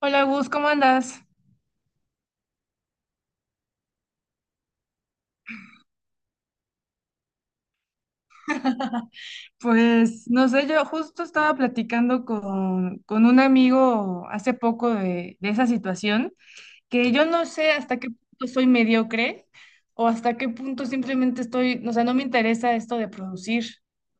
Hola Gus, ¿cómo andas? Pues no sé, yo justo estaba platicando con un amigo hace poco de esa situación, que yo no sé hasta qué punto soy mediocre o hasta qué punto simplemente estoy, o sea, no me interesa esto de producir,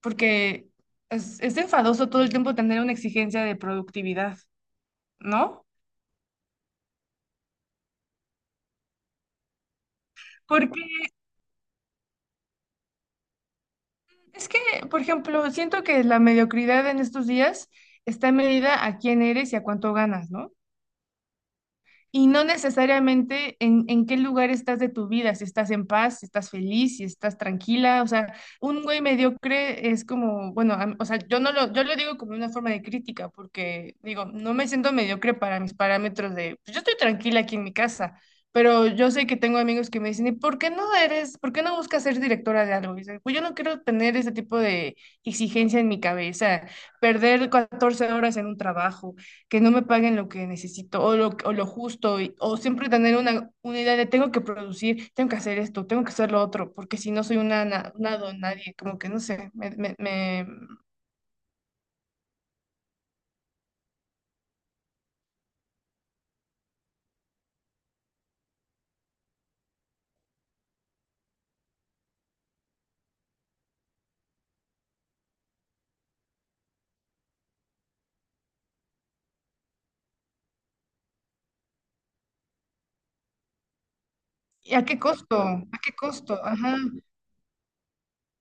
porque es enfadoso todo el tiempo tener una exigencia de productividad, ¿no? Porque es que, por ejemplo, siento que la mediocridad en estos días está medida a quién eres y a cuánto ganas, ¿no? Y no necesariamente en qué lugar estás de tu vida, si estás en paz, si estás feliz, si estás tranquila. O sea, un güey mediocre es como, bueno, a o sea, yo no lo, yo lo digo como una forma de crítica, porque digo, no me siento mediocre para mis parámetros de, pues, yo estoy tranquila aquí en mi casa, pero yo sé que tengo amigos que me dicen, ¿y por qué no eres, por qué no buscas ser directora de algo? Y dice, pues yo no quiero tener ese tipo de exigencia en mi cabeza, perder 14 horas en un trabajo que no me paguen lo que necesito o lo justo, o siempre tener una idea de tengo que producir, tengo que hacer esto, tengo que hacer lo otro, porque si no soy una, na- una don nadie, como que no sé, ¿y a qué costo? ¿A qué costo? Ajá.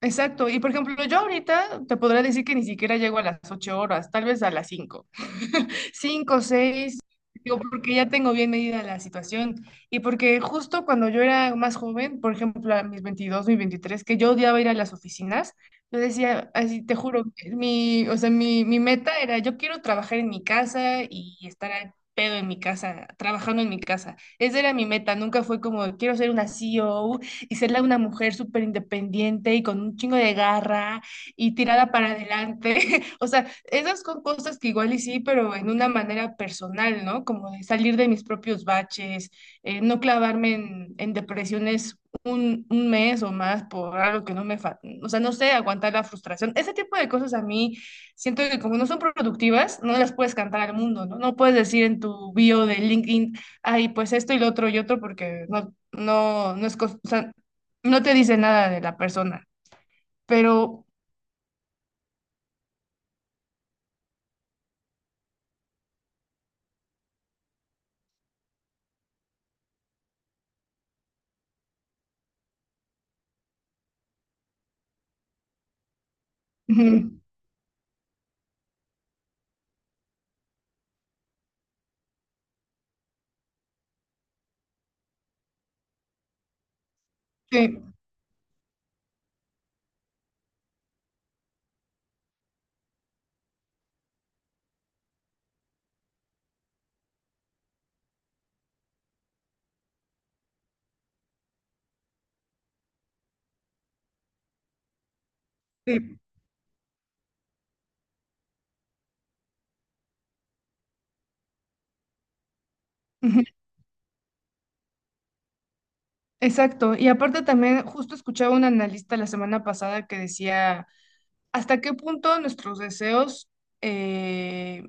Exacto. Y por ejemplo, yo ahorita te podría decir que ni siquiera llego a las 8 horas, tal vez a las 5, 5, 6, digo, porque ya tengo bien medida la situación. Y porque justo cuando yo era más joven, por ejemplo, a mis 22, mis 23, que yo odiaba ir a las oficinas, yo decía, así te juro, mi, o sea, mi meta era, yo quiero trabajar en mi casa y estar al pedo en mi casa, trabajando en mi casa. Esa era mi meta, nunca fue como, quiero ser una CEO y serla una mujer súper independiente y con un chingo de garra y tirada para adelante. O sea, esas son cosas que igual y sí, pero en una manera personal, ¿no? Como de salir de mis propios baches, no clavarme en depresiones un mes o más por algo que no me, o sea, no sé, aguantar la frustración. Ese tipo de cosas a mí siento que como no son productivas, no las puedes cantar al mundo, ¿no? No puedes decir en tu bio de LinkedIn, ay, pues esto y lo otro y otro, porque no, no, no es, o sea, no te dice nada de la persona, pero ujú, sí, sí, ujú, exacto. Y aparte también justo escuchaba un analista la semana pasada que decía ¿Hasta qué punto nuestros deseos, eh,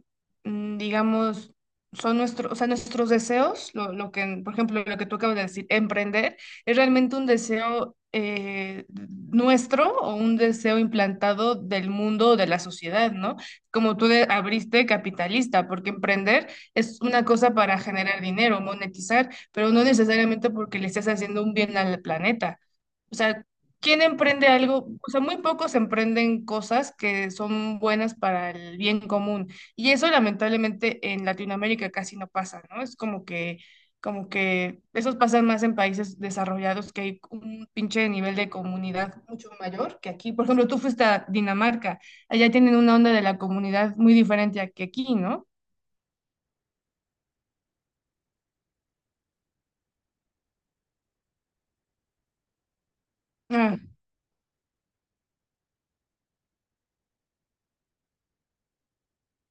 digamos, son nuestros, o sea, nuestros deseos, lo que, por ejemplo, lo que tú acabas de decir, emprender, es realmente un deseo nuestro o un deseo implantado del mundo o de la sociedad, ¿no? Como tú de- abriste capitalista, porque emprender es una cosa para generar dinero, monetizar, pero no necesariamente porque le estés haciendo un bien al planeta. O sea, ¿quién emprende algo? O sea, muy pocos emprenden cosas que son buenas para el bien común. Y eso lamentablemente en Latinoamérica casi no pasa, ¿no? Es como que esos pasan más en países desarrollados que hay un pinche nivel de comunidad mucho mayor que aquí. Por ejemplo, tú fuiste a Dinamarca, allá tienen una onda de la comunidad muy diferente a que aquí, ¿no? Ah,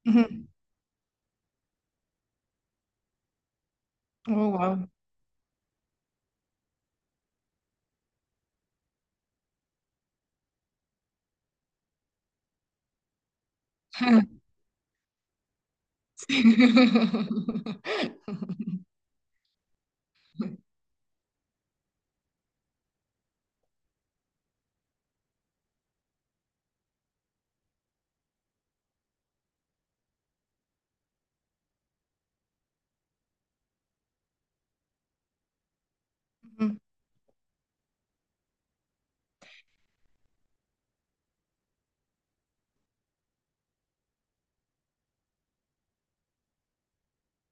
ujú. Oh, wow. Sí. Ujú.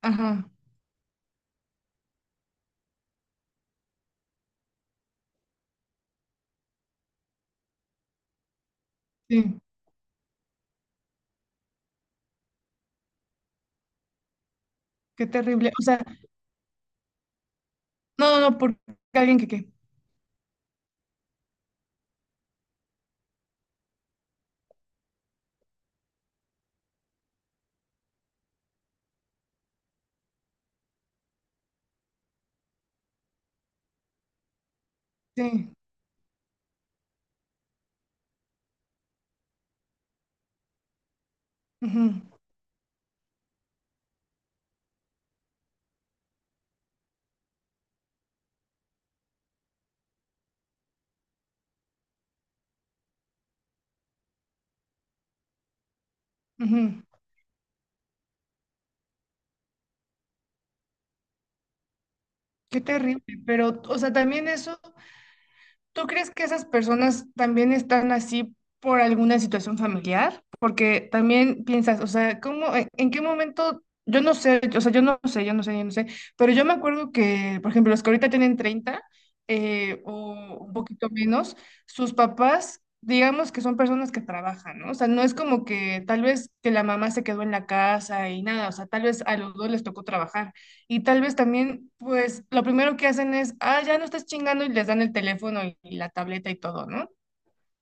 Ajá, sí. Qué terrible. O sea, no, no, no, porque alguien que qué. Sí. Ujú, ujú. Qué terrible. Pero, o sea, también eso. ¿Tú crees que esas personas también están así por alguna situación familiar? Porque también piensas, o sea, ¿cómo, en qué momento? Yo no sé, o sea, yo no sé, yo no sé, yo no sé, pero yo me acuerdo que, por ejemplo, los que ahorita tienen 30 o un poquito menos, sus papás, digamos que son personas que trabajan, ¿no? O sea, no es como que tal vez que la mamá se quedó en la casa y nada, o sea, tal vez a los dos les tocó trabajar. Y tal vez también, pues, lo primero que hacen es, ah, ya no estás chingando y les dan el teléfono y la tableta y todo, ¿no?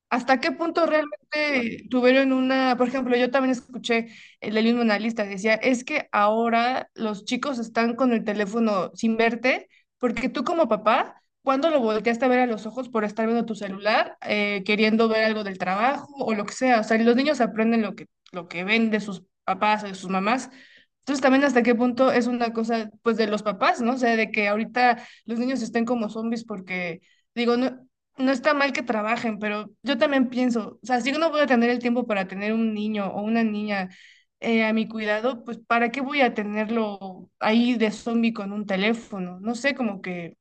¿Hasta qué punto realmente tuvieron una, por ejemplo, yo también escuché el del mismo analista, decía, es que ahora los chicos están con el teléfono sin verte, porque tú como papá, cuando lo volteaste a ver a los ojos por estar viendo tu celular, queriendo ver algo del trabajo o lo que sea? O sea, los niños aprenden lo que ven de sus papás o de sus mamás. Entonces también hasta qué punto es una cosa, pues, de los papás, ¿no? O sea, de que ahorita los niños estén como zombies porque... Digo, no, no está mal que trabajen, pero yo también pienso, o sea, si yo no voy a tener el tiempo para tener un niño o una niña a mi cuidado, pues ¿para qué voy a tenerlo ahí de zombie con un teléfono? No sé, como que...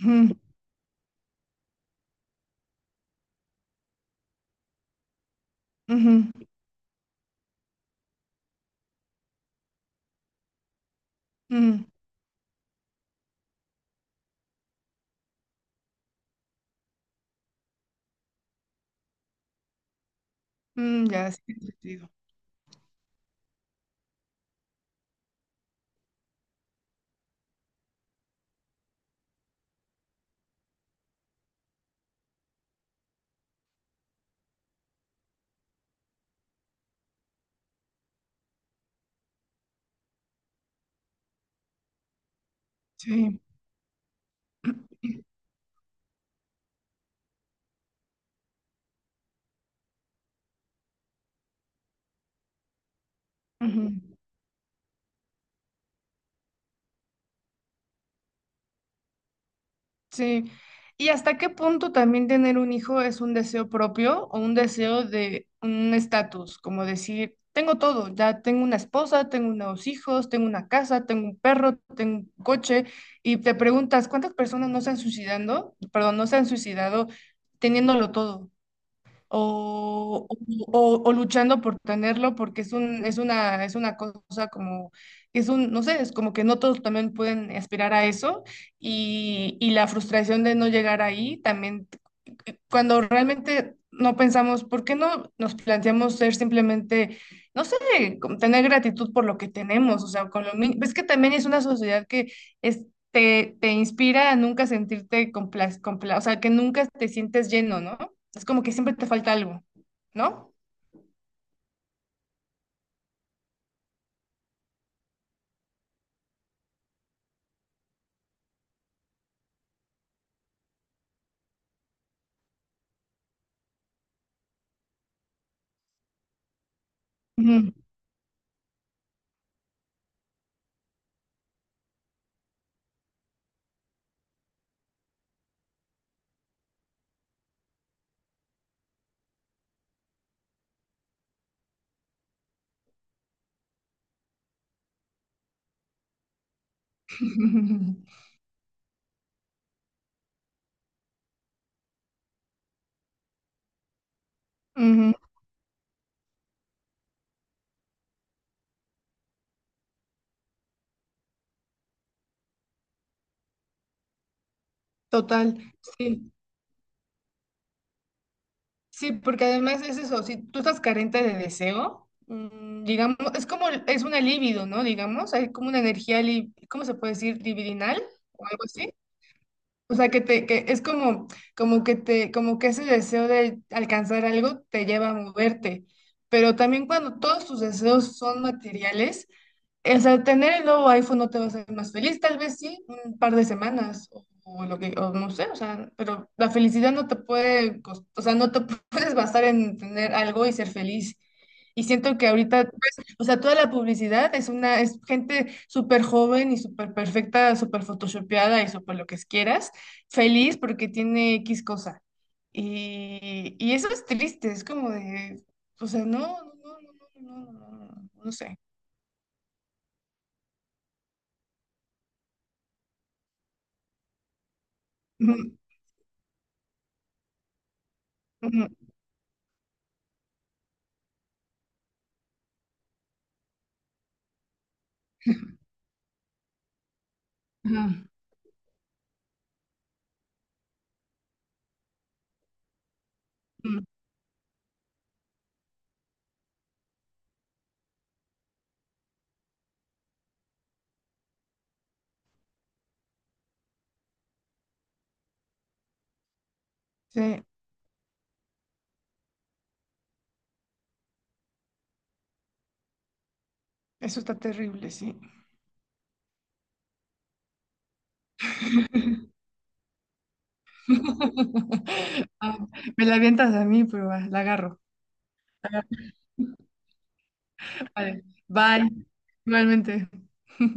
Mm, ujú, mm, mm, ya, sí, tiene sentido. Sí. Sí. ¿Y hasta qué punto también tener un hijo es un deseo propio o un deseo de un estatus? Como decir, tengo todo, ya tengo una esposa, tengo unos hijos, tengo una casa, tengo un perro, tengo un coche, y te preguntas, ¿cuántas personas no se han suicidando? Perdón, ¿no se han suicidado teniéndolo todo? o, o o luchando por tenerlo porque es un, es una cosa como, es un, no sé, es como que no todos también pueden aspirar a eso y la frustración de no llegar ahí también cuando realmente no pensamos, ¿por qué no nos planteamos ser simplemente, no sé, como tener gratitud por lo que tenemos? O sea, con lo mínimo. Es que también es una sociedad que es- te inspira a nunca sentirte compla, o sea, que nunca te sientes lleno, ¿no? Es como que siempre te falta algo, ¿no? Ujú. Ujú. Total, sí. Sí, porque además es eso, si tú estás carente de deseo, digamos, es como, es una libido, ¿no? Digamos, hay como una energía, ¿cómo se puede decir? Libidinal o algo así. O sea, que, te, que es como, como que te, como que ese deseo de alcanzar algo te lleva a moverte. Pero también cuando todos tus deseos son materiales, o sea, tener el nuevo iPhone no te va a hacer más feliz, tal vez sí, un par de semanas o lo que, o no sé, o sea, pero la felicidad no te puede, o sea, no te puedes basar en tener algo y ser feliz. Y siento que ahorita, pues, o sea, toda la publicidad es una, es gente súper joven y súper perfecta, súper photoshopeada y súper lo que quieras, feliz porque tiene X cosa. Y eso es triste, es como de, o sea, no, no, no, no, no, no, no, no no sé. Ujú, ujú. Sí, eso está terrible, sí. Ah, me la avientas a mí, pero va, la agarro. Vale, bye. Igualmente.